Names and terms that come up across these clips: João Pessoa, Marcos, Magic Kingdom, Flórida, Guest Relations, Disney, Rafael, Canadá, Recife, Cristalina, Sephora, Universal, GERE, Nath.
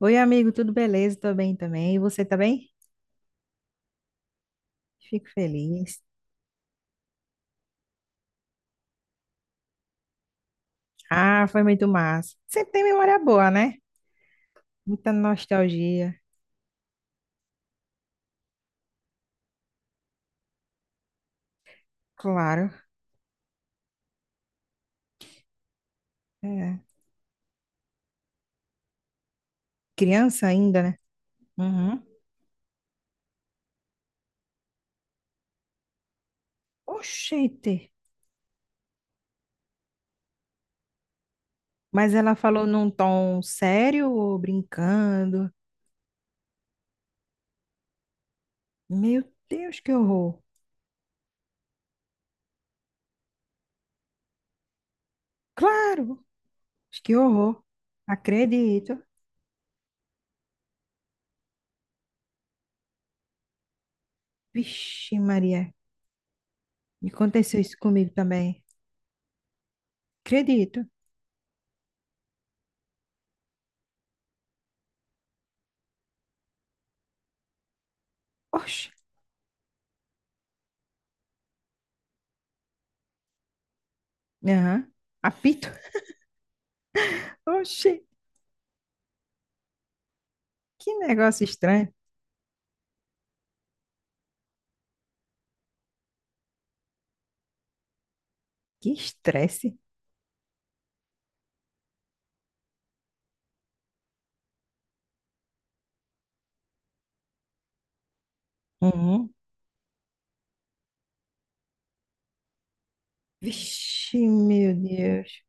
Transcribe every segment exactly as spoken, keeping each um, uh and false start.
Oi, amigo, tudo beleza? Tô bem também. E você tá bem? Fico feliz. Ah, foi muito massa. Sempre tem memória boa, né? Muita nostalgia, claro. É. Criança ainda, né? Uhum. Oxente! Mas ela falou num tom sério ou brincando? Meu Deus, que horror! Claro, que horror! Acredito. Vixe, Maria, aconteceu isso comigo também. Acredito. Oxe! Aham. Apito. Oxe! Que negócio estranho. Que estresse. Uhum. Vixe, meu Deus.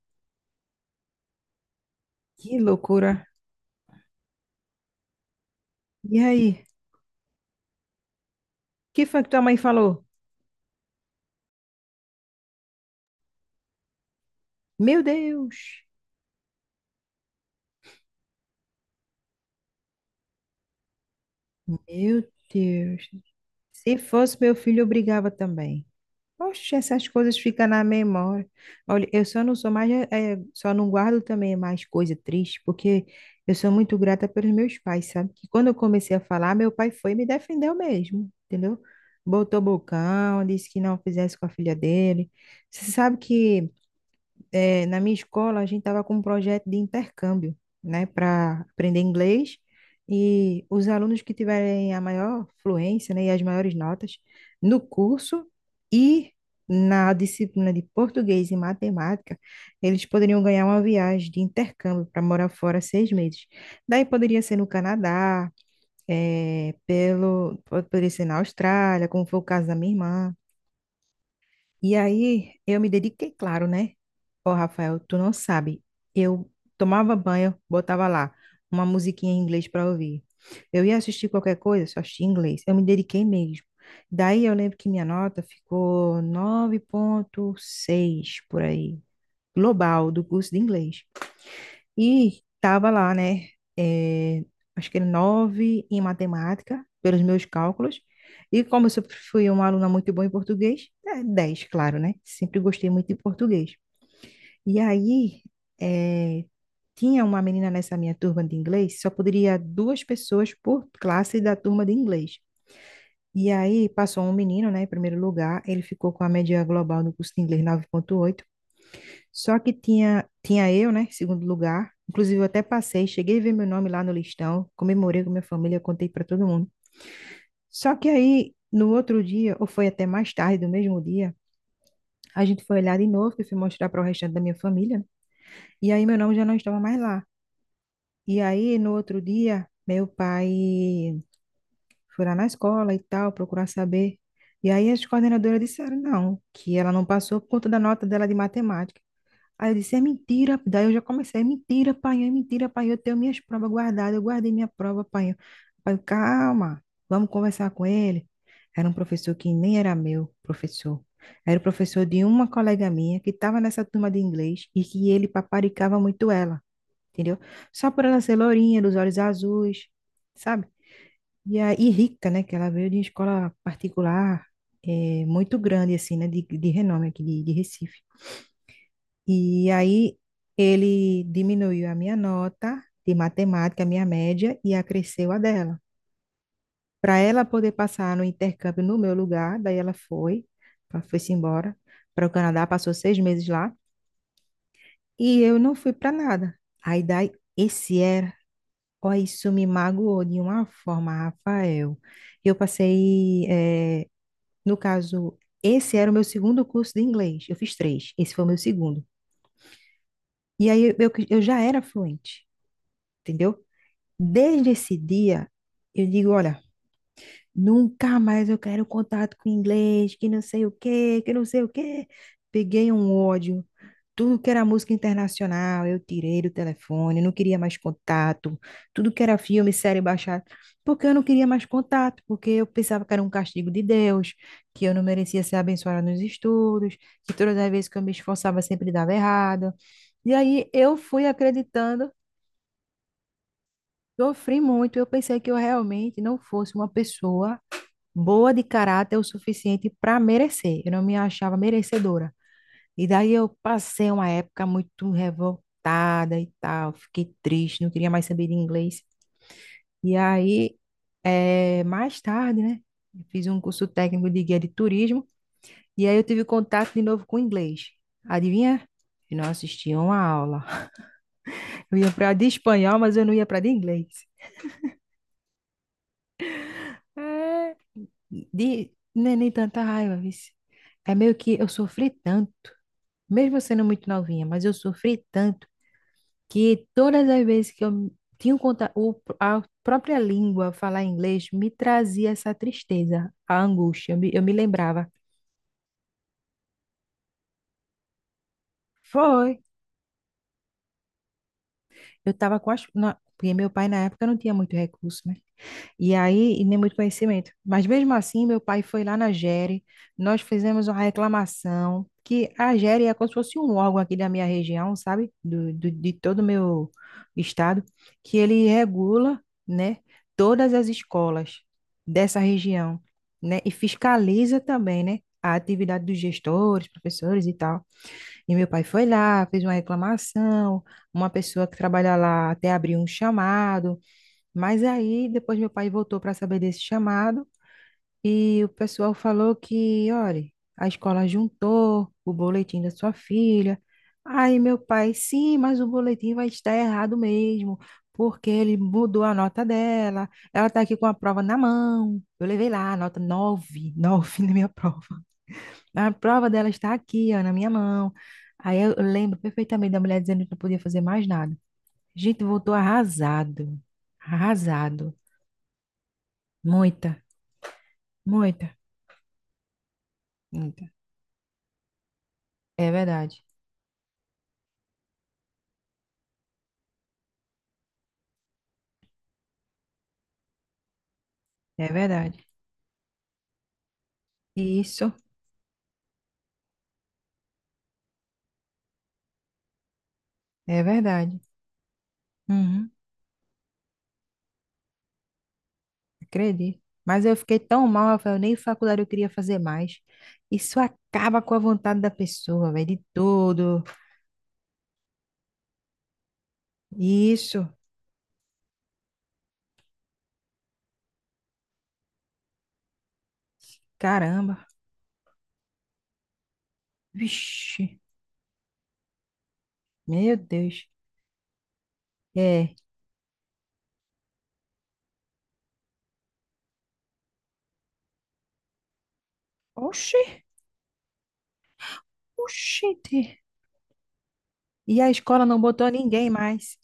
Que loucura. E aí? O que foi que tua mãe falou? Meu Deus. Meu Deus. Se fosse meu filho, eu brigava também. Oxe, essas coisas ficam na memória. Olha, eu só não sou mais, eh, eh, só não guardo também mais coisa triste, porque eu sou muito grata pelos meus pais, sabe? Que quando eu comecei a falar, meu pai foi e me defendeu mesmo, entendeu? Botou bocão, disse que não fizesse com a filha dele. Você sabe que eh, na minha escola, a gente estava com um projeto de intercâmbio, né, para aprender inglês. E os alunos que tiverem a maior fluência, né, e as maiores notas no curso e na disciplina de português e matemática, eles poderiam ganhar uma viagem de intercâmbio para morar fora seis meses. Daí poderia ser no Canadá, eh, pelo, poderia ser na Austrália, como foi o caso da minha irmã. E aí eu me dediquei, claro, né? Ó, Rafael, tu não sabe. Eu tomava banho, botava lá uma musiquinha em inglês para ouvir. Eu ia assistir qualquer coisa, só assistia em inglês. Eu me dediquei mesmo. Daí eu lembro que minha nota ficou nove vírgula seis por aí, global, do curso de inglês. E estava lá, né? eh, Acho que era nove em matemática, pelos meus cálculos. E como eu sempre fui uma aluna muito boa em português, é, dez, claro, né? Sempre gostei muito de português. E aí, eh, tinha uma menina nessa minha turma de inglês, só poderia duas pessoas por classe da turma de inglês. E aí, passou um menino, né, em primeiro lugar, ele ficou com a média global no curso de inglês nove vírgula oito, só que tinha, tinha eu, né, em segundo lugar. Inclusive, eu até passei, cheguei a ver meu nome lá no listão, comemorei com minha família, contei para todo mundo. Só que aí, no outro dia, ou foi até mais tarde do mesmo dia, a gente foi olhar de novo, que eu fui mostrar para o restante da minha família, e aí meu nome já não estava mais lá. E aí, no outro dia, meu pai foi lá na escola e tal, procurar saber. E aí as coordenadoras disseram não, que ela não passou por conta da nota dela de matemática. Aí eu disse, é mentira. Daí eu já comecei, é mentira, pai, é mentira, pai, eu tenho minhas provas guardadas, eu guardei minha prova, pai. Pai, calma, vamos conversar com ele. Era um professor que nem era meu professor. Era o professor de uma colega minha que estava nessa turma de inglês e que ele paparicava muito ela, entendeu? Só por ela ser lourinha, dos olhos azuis, sabe? E aí, rica, né? Que ela veio de uma escola particular, eh, muito grande, assim, né? De, de renome aqui de, de Recife. E aí ele diminuiu a minha nota de matemática, a minha média, e acresceu a dela. Para ela poder passar no intercâmbio no meu lugar, daí ela foi, ela foi-se embora para o Canadá, passou seis meses lá, e eu não fui para nada. Aí daí, esse era, ó, isso me magoou de uma forma, Rafael. Eu passei, eh, no caso, esse era o meu segundo curso de inglês, eu fiz três, esse foi o meu segundo. E aí eu, eu eu já era fluente. Entendeu? Desde esse dia, eu digo, olha, nunca mais eu quero contato com inglês, que não sei o quê, que não sei o quê. Peguei um ódio. Tudo que era música internacional, eu tirei do telefone, não queria mais contato. Tudo que era filme, série baixada, porque eu não queria mais contato, porque eu pensava que era um castigo de Deus, que eu não merecia ser abençoada nos estudos, que todas as vezes que eu me esforçava sempre dava errado. E aí eu fui acreditando. Sofri muito, eu pensei que eu realmente não fosse uma pessoa boa de caráter o suficiente para merecer. Eu não me achava merecedora. E daí eu passei uma época muito revoltada e tal, fiquei triste, não queria mais saber de inglês. E aí, eh, mais tarde, né, eu fiz um curso técnico de guia de turismo e aí eu tive contato de novo com o inglês. Adivinha? Eu não assistia uma aula. Eu ia para de espanhol, mas eu não ia para de inglês. De, não é nem tanta raiva, vice. É meio que eu sofri tanto, mesmo sendo muito novinha, mas eu sofri tanto que todas as vezes que eu tinha um conta, o, a própria língua falar inglês me trazia essa tristeza, a angústia. Eu me, eu me lembrava. Foi. Eu estava com as. Na- Porque meu pai na época não tinha muito recurso, né? E aí, e nem muito conhecimento. Mas mesmo assim, meu pai foi lá na GERE, nós fizemos uma reclamação, que a GERE é como se fosse um órgão aqui da minha região, sabe? Do, do- de todo o meu estado, que ele regula, né, todas as escolas dessa região, né? E fiscaliza também, né? A atividade dos gestores, professores e tal. E meu pai foi lá, fez uma reclamação, uma pessoa que trabalha lá até abriu um chamado, mas aí depois meu pai voltou para saber desse chamado e o pessoal falou que, olha, a escola juntou o boletim da sua filha. Aí meu pai, sim, mas o boletim vai estar errado mesmo, porque ele mudou a nota dela. Ela está aqui com a prova na mão. Eu levei lá a nota nove, nove na minha prova. A prova dela está aqui, ó, na minha mão. Aí eu lembro perfeitamente da mulher dizendo que não podia fazer mais nada. A gente voltou arrasado, arrasado. Muita. Muita, muita. É verdade, é verdade. Isso, é verdade. Uhum, acredito. Mas eu fiquei tão mal, eu falei, nem faculdade eu queria fazer mais. Isso acaba com a vontade da pessoa, velho, de tudo. Isso, caramba. Vixe, meu Deus. É. Oxi, oxente. E a escola não botou ninguém mais.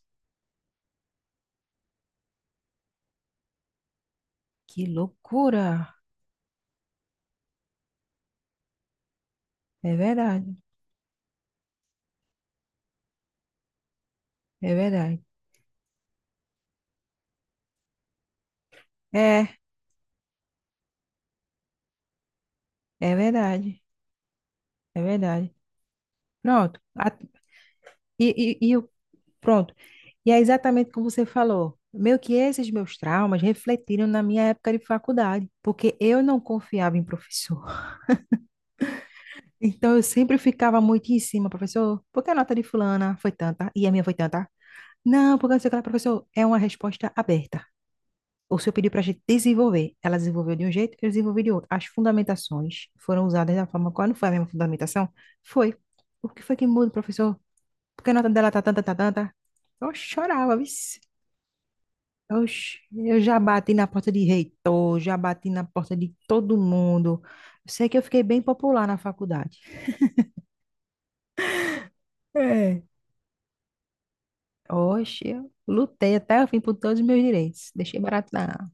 Que loucura. É verdade, é verdade. É, é verdade, é verdade. Pronto. A- E, e, e o pronto. E é exatamente como você falou. Meio que esses meus traumas refletiram na minha época de faculdade, porque eu não confiava em professor. Então eu sempre ficava muito em cima, professor, por que a nota de fulana foi tanta e a minha foi tanta? Não, porque não sei o que lá, professor, é uma resposta aberta. O senhor pediu para a gente desenvolver. Ela desenvolveu de um jeito, eu desenvolvi de outro. As fundamentações foram usadas da forma qual não foi a mesma fundamentação? Foi. O que foi que muda, professor? Por que a nota dela tá tanta, tá tanta? Eu chorava, vixe. Oxe, eu já bati na porta de reitor, já bati na porta de todo mundo. Eu sei que eu fiquei bem popular na faculdade. É. Oxe, eu lutei até o fim por todos os meus direitos. Deixei barato na.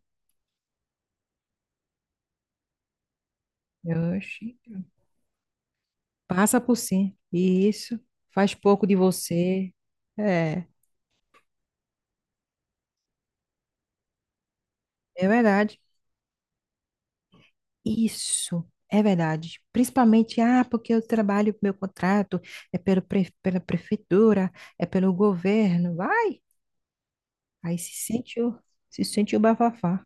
Oxe, passa por cima. Isso, faz pouco de você. É, é verdade. Isso, é verdade. Principalmente, ah, porque eu trabalho, meu contrato é pelo pre- pela prefeitura, é pelo governo. Vai. Aí se sentiu, se sentiu bafafá.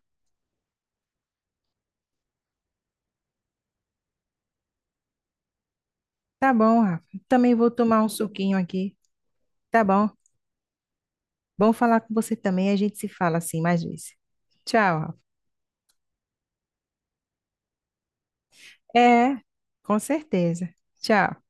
Tá bom, Rafa. Também vou tomar um suquinho aqui. Tá bom. Bom falar com você também. A gente se fala assim mais vezes. Tchau, Rafa. É, com certeza. Tchau.